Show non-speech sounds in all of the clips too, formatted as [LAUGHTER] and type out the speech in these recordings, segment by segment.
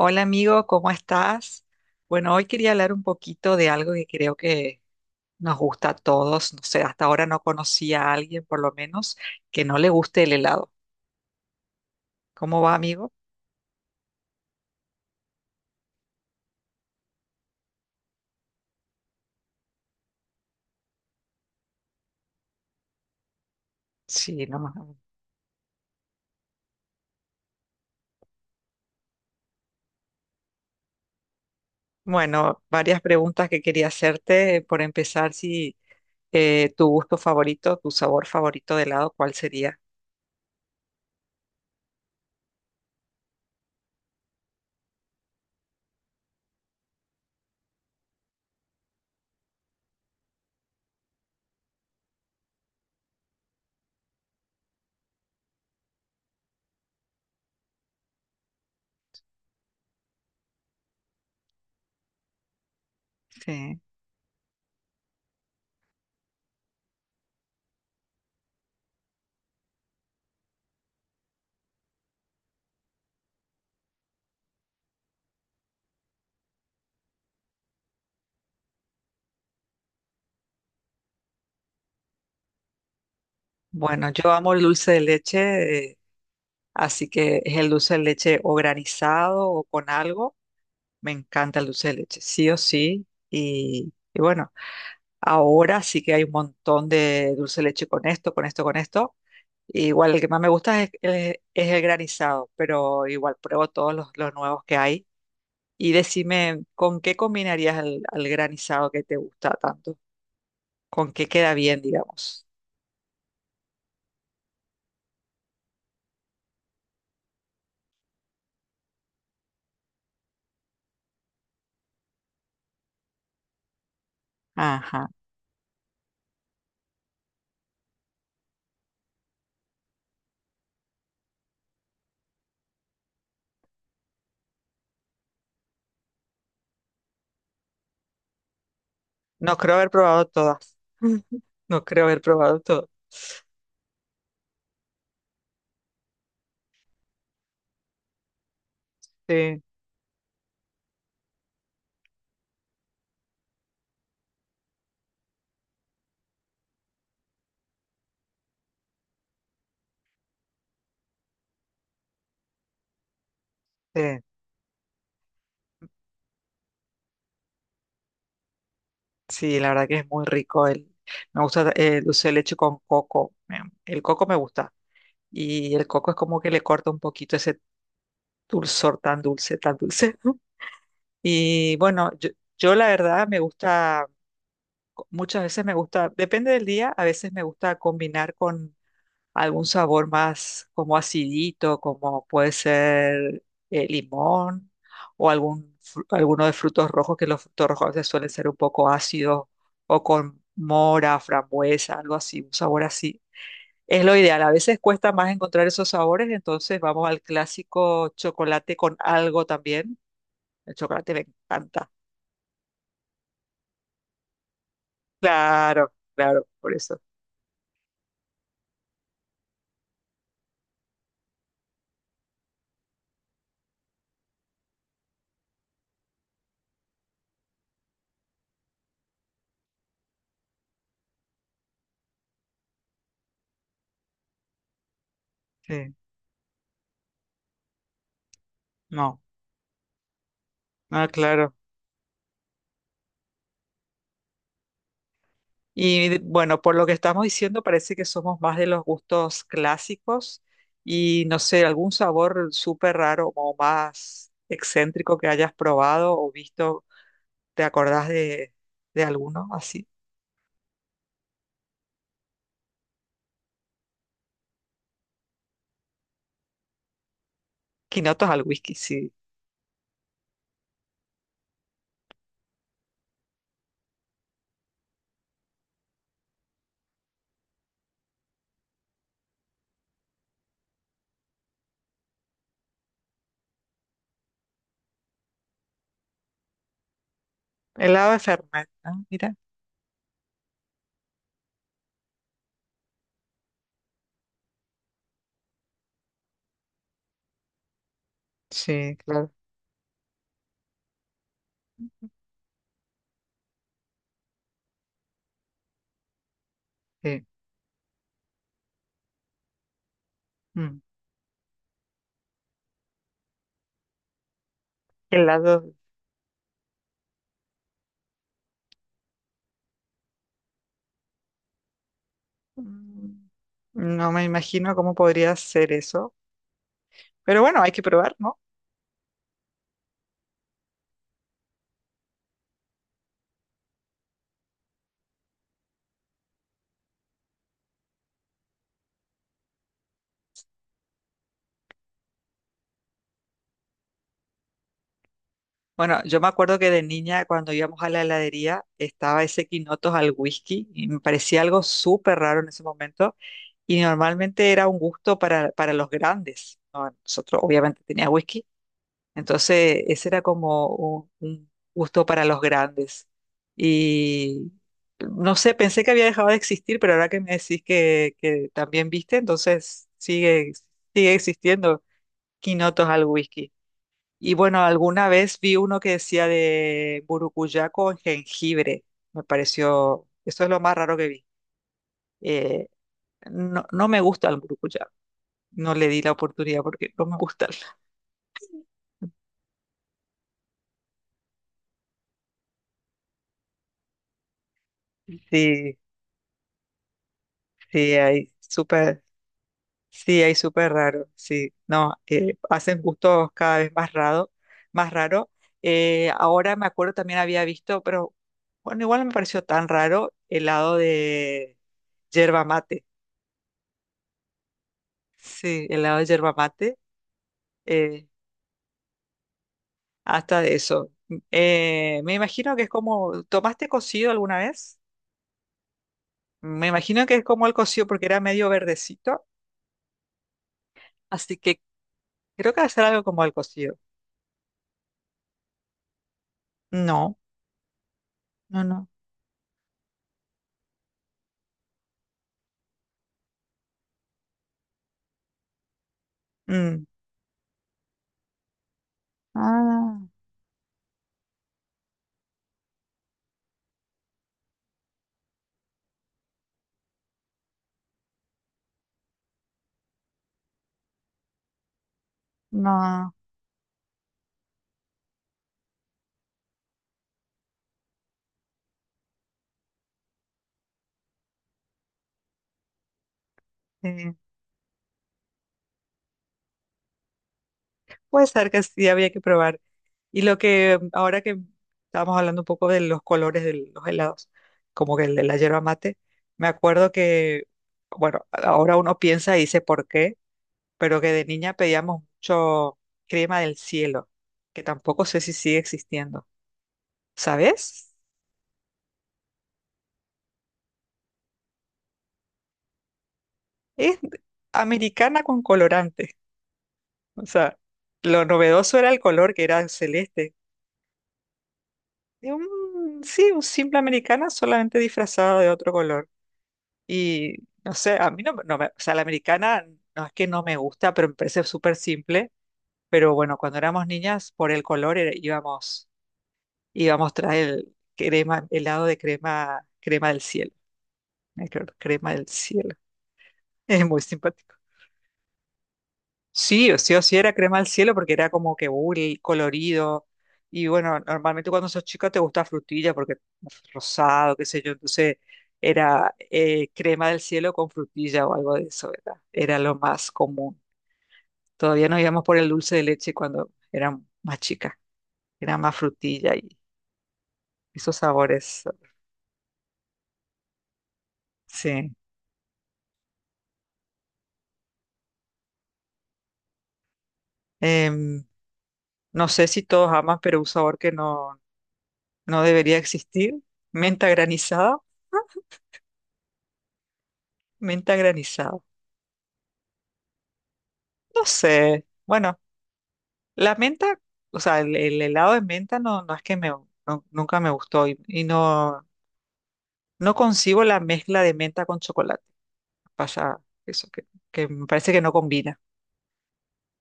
Hola amigo, ¿cómo estás? Bueno, hoy quería hablar un poquito de algo que creo que nos gusta a todos. No sé, hasta ahora no conocí a alguien, por lo menos, que no le guste el helado. ¿Cómo va, amigo? Sí, no más. Bueno, varias preguntas que quería hacerte. Por empezar, si tu gusto favorito, tu sabor favorito de helado, ¿cuál sería? Sí. Bueno, yo amo el dulce de leche, así que es el dulce de leche o granizado o con algo. Me encanta el dulce de leche, sí o sí. Y bueno, ahora sí que hay un montón de dulce de leche con esto, con esto, con esto. Igual el que más me gusta es, el granizado, pero igual pruebo todos los nuevos que hay. Y decime, ¿con qué combinarías el, al granizado que te gusta tanto? ¿Con qué queda bien, digamos? Ajá. No creo haber probado todas. [LAUGHS] No creo haber probado todas. Sí, sí. Sí, la verdad que es muy rico. El, me gusta el dulce de leche con coco. El coco me gusta. Y el coco es como que le corta un poquito ese dulzor tan dulce, tan dulce. [LAUGHS] Y bueno, yo la verdad me gusta, muchas veces me gusta, depende del día, a veces me gusta combinar con algún sabor más como acidito, como puede ser limón o algún, alguno de frutos rojos, que los frutos rojos a veces suelen ser un poco ácidos o con mora, frambuesa, algo así, un sabor así. Es lo ideal. A veces cuesta más encontrar esos sabores, entonces vamos al clásico chocolate con algo también. El chocolate me encanta. Claro, claro, por eso. Sí, no. Ah, claro. Y bueno, por lo que estamos diciendo, parece que somos más de los gustos clásicos y no sé, algún sabor súper raro o más excéntrico que hayas probado o visto, ¿te acordás de alguno así? Quinotos al whisky, sí. Helado de Fernet, ah, mira. Sí, claro, sí. Mm. Helado. Mm, no me imagino cómo podría ser eso, pero bueno, hay que probar, ¿no? Bueno, yo me acuerdo que de niña, cuando íbamos a la heladería, estaba ese quinotos al whisky y me parecía algo súper raro en ese momento. Y normalmente era un gusto para los grandes, ¿no? Nosotros, obviamente, tenía whisky. Entonces, ese era como un gusto para los grandes. Y no sé, pensé que había dejado de existir, pero ahora que me decís que también viste, entonces sigue, sigue existiendo quinotos al whisky. Y bueno, alguna vez vi uno que decía de burucuyá con jengibre. Me pareció, eso es lo más raro que vi. Eh, no, no me gusta el burucuyá. No le di la oportunidad porque no me gusta. [LAUGHS] Sí, sí, hay súper, sí, hay súper raro. Sí, no, hacen gustos cada vez más raro, más raro. Ahora me acuerdo también había visto, pero bueno, igual no me pareció tan raro helado de yerba mate. Sí, helado de yerba mate eh, hasta de eso. Me imagino que es como, ¿tomaste cocido alguna vez? Me imagino que es como el cocido porque era medio verdecito, así que creo que va a ser algo como el cocido. No, no, no. Mm. Ah, no. eh, Puede ser que sí, había que probar. Y lo que ahora que estábamos hablando un poco de los colores de los helados, como que el de la yerba mate, me acuerdo que, bueno, ahora uno piensa y dice por qué. Pero que de niña pedíamos mucho crema del cielo, que tampoco sé si sigue existiendo. ¿Sabes? Es americana con colorante. O sea, lo novedoso era el color, que era celeste. Y sí, un simple americana solamente disfrazado de otro color. Y no sé, a mí no, no me, o sea, la americana no es que no me gusta, pero me parece súper simple. Pero bueno, cuando éramos niñas, por el color íbamos, íbamos tras el crema, helado de crema, crema del cielo. Ay, claro, crema del cielo. [LAUGHS] Es muy simpático. Sí, o sí o sí era crema del cielo porque era como que y colorido. Y bueno, normalmente cuando sos chica te gusta frutilla porque es rosado, qué sé yo. Entonces era crema del cielo con frutilla o algo de eso, ¿verdad? Era lo más común. Todavía no íbamos por el dulce de leche cuando era más chica. Era más frutilla y esos sabores. Sí. Em, no sé si todos aman, pero un sabor que no, no debería existir. Menta granizada, menta granizada. No sé. Bueno, la menta, o sea, el helado de menta no, no es que me, nunca me gustó y no, no concibo la mezcla de menta con chocolate. Pasa eso, que me parece que no combina.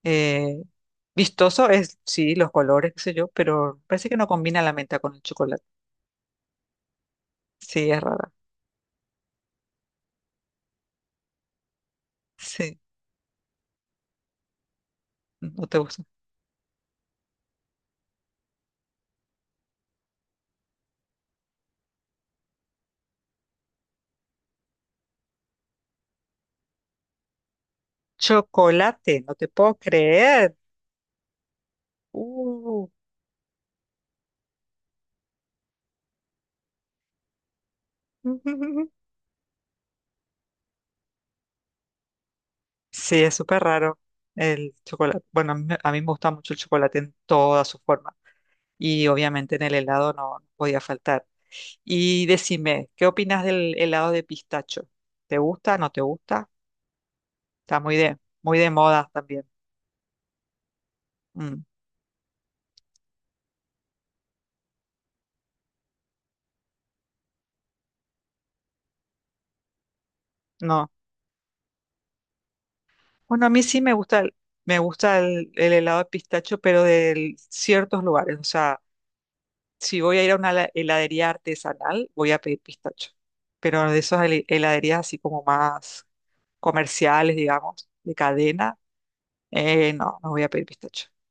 Eh, vistoso es, sí, los colores, qué sé yo, pero parece que no combina la menta con el chocolate. Sí, es rara. Sí, no te gusta. Chocolate, no te puedo creer. Uh. [LAUGHS] Sí, es súper raro el chocolate. Bueno, a mí me gusta mucho el chocolate en toda su forma. Y obviamente en el helado no, no podía faltar. Y decime, ¿qué opinas del helado de pistacho? ¿Te gusta? ¿No te gusta? Está muy de moda también. Mm, no. Bueno, a mí sí me gusta me gusta el helado de pistacho, pero de ciertos lugares. O sea, si voy a ir a una heladería artesanal, voy a pedir pistacho. Pero de esas heladerías así como más comerciales, digamos, de cadena, no, no voy a pedir pistacho.